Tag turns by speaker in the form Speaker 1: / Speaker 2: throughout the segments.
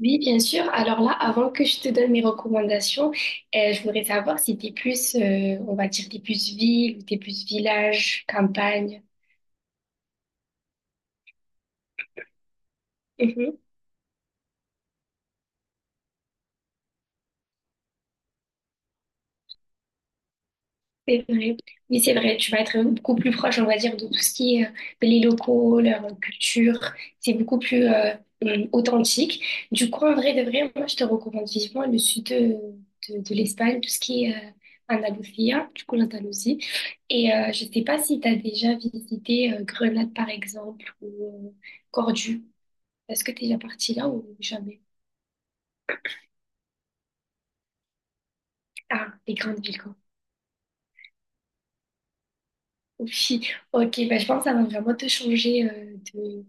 Speaker 1: Oui, bien sûr. Alors là, avant que je te donne mes recommandations, je voudrais savoir si t'es plus, on va dire, t'es plus ville ou t'es plus village, campagne. C'est vrai. Oui, c'est vrai. Tu vas être beaucoup plus proche, on va dire, de tout ce qui est les locaux, leur culture. C'est beaucoup plus authentique. Du coup, en vrai de vrai, moi, je te recommande vivement le sud de l'Espagne, tout ce qui est Andalusia, du coup, l'Andalousie. Et je sais pas si tu as déjà visité Grenade, par exemple, ou Cordoue. Est-ce que tu es déjà parti là ou jamais? Ah, les grandes villes, quoi. Oui, ok, bah, je pense que ça va vraiment te changer euh, de,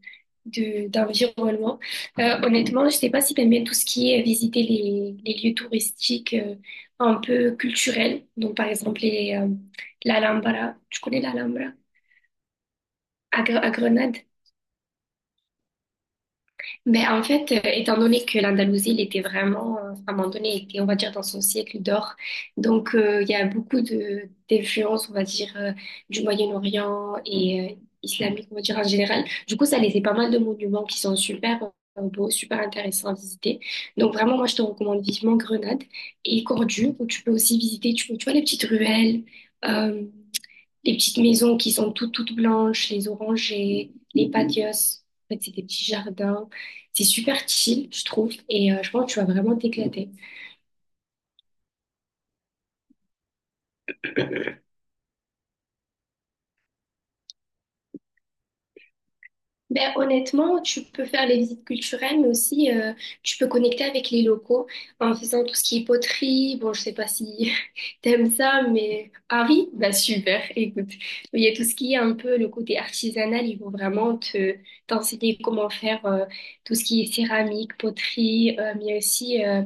Speaker 1: de, d'environnement. Honnêtement, je sais pas si t'aimes bien tout ce qui est visiter les lieux touristiques un peu culturels. Donc, par exemple, l'Alhambra. Tu connais l'Alhambra? À Grenade? Mais en fait, étant donné que l'Andalousie, elle était vraiment, à un moment donné, elle était, on va dire, dans son siècle d'or. Donc, il y a beaucoup de d'influences, on va dire, du Moyen-Orient et islamique, on va dire, en général. Du coup, ça laissait pas mal de monuments qui sont super beaux, super intéressants à visiter. Donc, vraiment, moi, je te recommande vivement Grenade et Cordoue, où tu peux aussi visiter, tu vois, les petites ruelles. euh, les petites maisons qui sont toutes blanches, les orangers, les patios. En fait, c'est des petits jardins. C'est super chill, je trouve, et je pense que tu vas vraiment t'éclater. Ben, honnêtement, tu peux faire les visites culturelles, mais aussi tu peux connecter avec les locaux en faisant tout ce qui est poterie. Bon, je sais pas si t'aimes ça, mais ah oui, ben super, écoute. Il y a tout ce qui est un peu le côté artisanal, ils vont vraiment te t'enseigner comment faire tout ce qui est céramique, poterie, mais aussi... euh,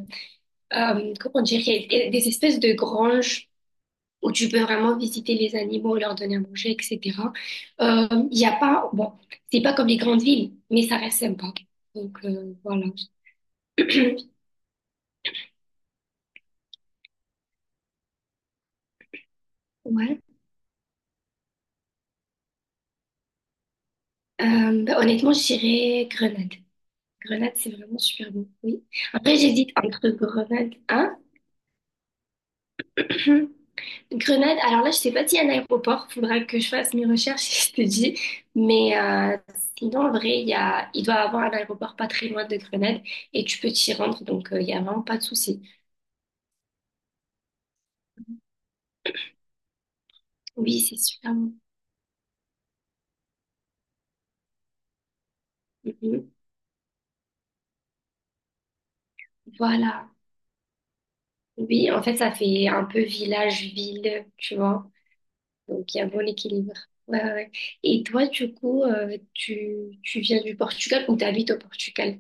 Speaker 1: euh, comment dire, il y a des espèces de granges où tu peux vraiment visiter les animaux, leur donner à manger, etc. Il y a pas, bon, c'est pas comme les grandes villes, mais ça reste sympa. Donc voilà. Ouais. Bah, honnêtement, je dirais Grenade. Grenade, c'est vraiment super bon. Oui. Après, j'hésite entre Grenade, hein? Grenade, alors là, je sais pas s'il y a un aéroport, faudra que je fasse mes recherches, je te dis. Mais sinon, en vrai, il doit y avoir un aéroport pas très loin de Grenade et tu peux t'y rendre, donc il y a vraiment pas de souci. Oui, c'est super. Bon. Mhm. Voilà. Oui, en fait, ça fait un peu village-ville, tu vois. Donc, il y a un bon équilibre. Ouais, ouais, ouais. Et toi, du coup, tu viens du Portugal ou t'habites au Portugal?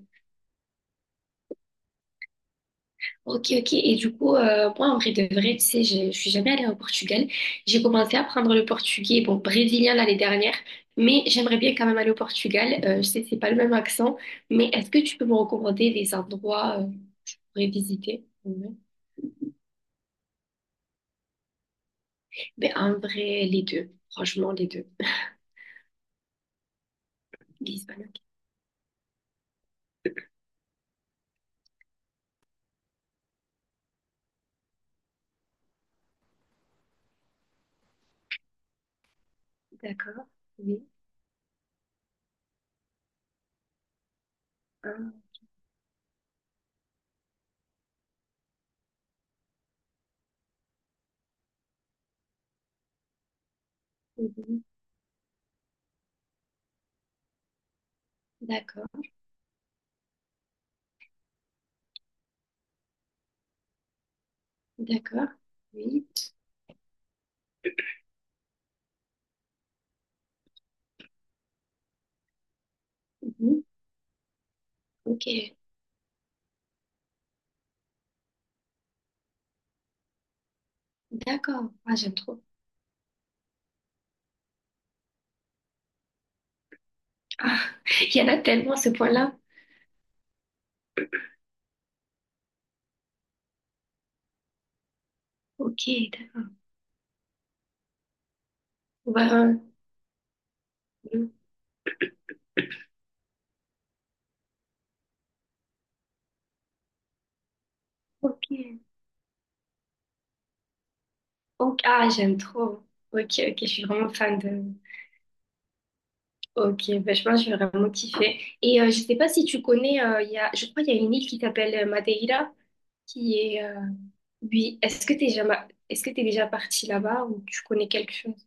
Speaker 1: Ok, ok. Et du coup, moi, en vrai de vrai, tu sais, je suis jamais allée au Portugal. J'ai commencé à apprendre le portugais, bon, brésilien l'année dernière, mais j'aimerais bien quand même aller au Portugal. Je sais que c'est pas le même accent, mais est-ce que tu peux me recommander des endroits pour y visiter? Ouais. Ben, en vrai, les deux. Franchement, les deux. Lisbonne, ok. D'accord. Oui. Ah, mhm. D'accord. D'accord. Oui. Mhm. Ok. D'accord. Ah, j'aime trop. Ah, il y en a tellement ce point-là. Ok. Bah, ok. Ok, ah, j'aime trop. Ok, ok, je suis vraiment fan de. Ok, bah, je pense que je vais vraiment kiffer. Et je sais pas si tu connais, je crois qu'il y a une île qui s'appelle Madeira, qui est. Oui, est-ce que t'es jamais... est-ce que t'es déjà parti là-bas ou tu connais quelque chose?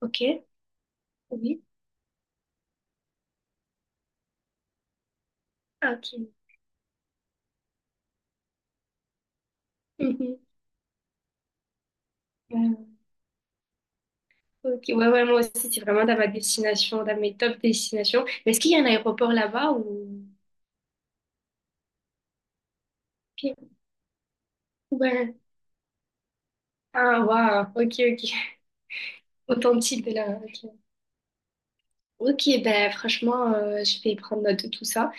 Speaker 1: Ok, oui. Ah, ok. Mhm. Ouais, ok, ouais, ouais, moi aussi, c'est vraiment dans ma destination, dans mes top destinations. Mais est-ce qu'il y a un aéroport là-bas ou. Ok. Ouais. Ah, waouh, ok, ok. Authentique de la... Ok. Ok, ben franchement, je vais prendre note de tout ça.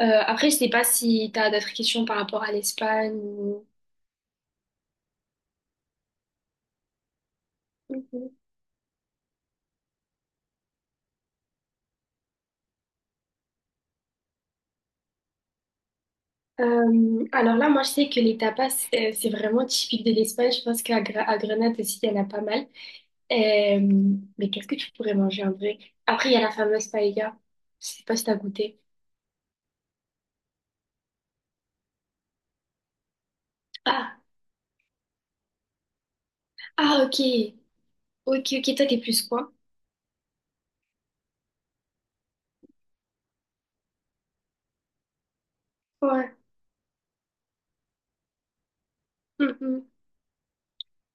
Speaker 1: Après, je sais pas si tu as d'autres questions par rapport à l'Espagne ou... Mhm. Alors là, moi, je sais que les tapas, c'est vraiment typique de l'Espagne. Je pense à Grenade aussi, il y en a pas mal. Euh, mais qu'est-ce que tu pourrais manger en vrai? Après, il y a la fameuse paella. Je sais pas si t'as goûté. Ah, ah, ok. Ok, ok, toi, t'es plus quoi? Ouais.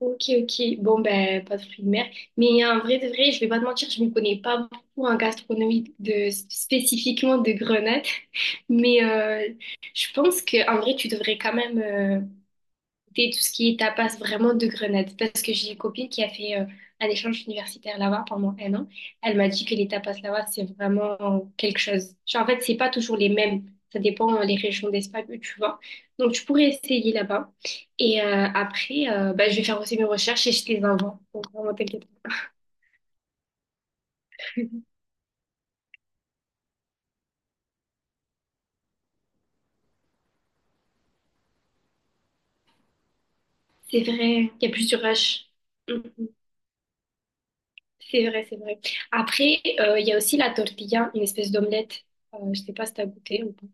Speaker 1: Ok, ok. Bon, ben, pas de fruits de mer. Mais en vrai de vrai, je vais pas te mentir, je ne connais pas beaucoup en gastronomie de, spécifiquement de Grenade. Mais je pense que en vrai, tu devrais quand même goûter tout ce qui est tapas vraiment de Grenade. Parce que j'ai une copine qui a fait un échange universitaire là-bas pendant un an. Elle m'a dit que les tapas là-bas, c'est vraiment quelque chose. Genre, en fait, c'est pas toujours les mêmes. Ça dépend les régions d'Espagne où tu vas. Donc, tu pourrais essayer là-bas. Et bah, je vais faire aussi mes recherches et je te les envoie. Donc, vraiment, t'inquiète. C'est vrai, il y a plus de rush. Mhm. C'est vrai, c'est vrai. Après, il y a aussi la tortilla, une espèce d'omelette. Je sais pas si t'as goûté ou pas.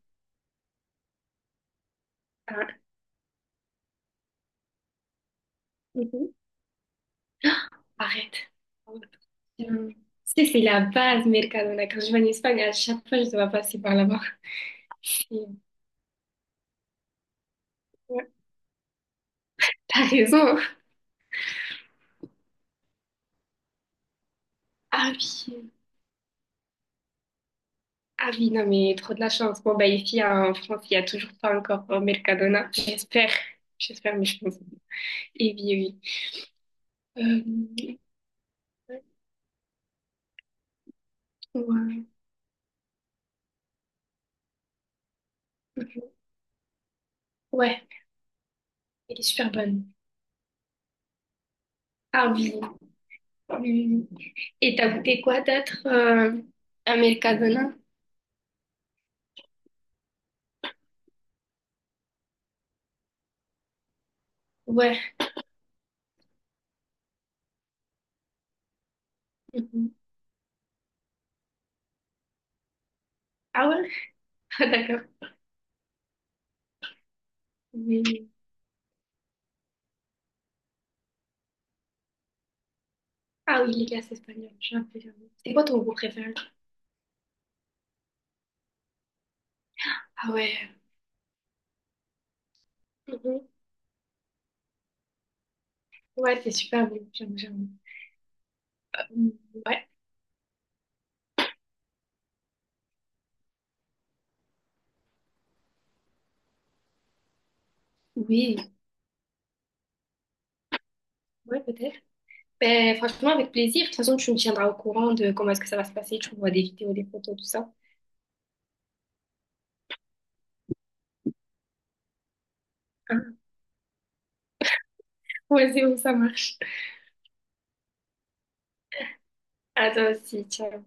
Speaker 1: Ah, mhm. Arrête. Hum. Tu sais, c'est la base, Mercadona. Quand je vais en Espagne, à chaque fois, je dois passer par là-bas. Et, ouais, t'as raison. Ah oui. Ah oui, non, mais trop de la chance. Bon, bah, ici, en France, il n'y a toujours pas encore Mercadona. J'espère. J'espère, mais je pense. Et oui, eh oui. Euh, ouais. Ouais, elle est super bonne. Ah oui. Hum. Et t'as goûté quoi d'autre à Mercadona? Ouais. Mhm. Ah ouais? D'accord. Oui. Ah oui, les glaces espagnoles, j'aime bien. C'est quoi ton goût préféré? Ah ouais. Mhm. Ouais, c'est super bon, j'aime, j'aime. Euh, ouais, oui, ouais, peut-être. Ben, franchement, avec plaisir. De toute façon, tu me tiendras au courant de comment est-ce que ça va se passer. Tu vois des vidéos, des photos, tout ça. Hein. Ouais, c'est où ça marche. À toi aussi, ciao.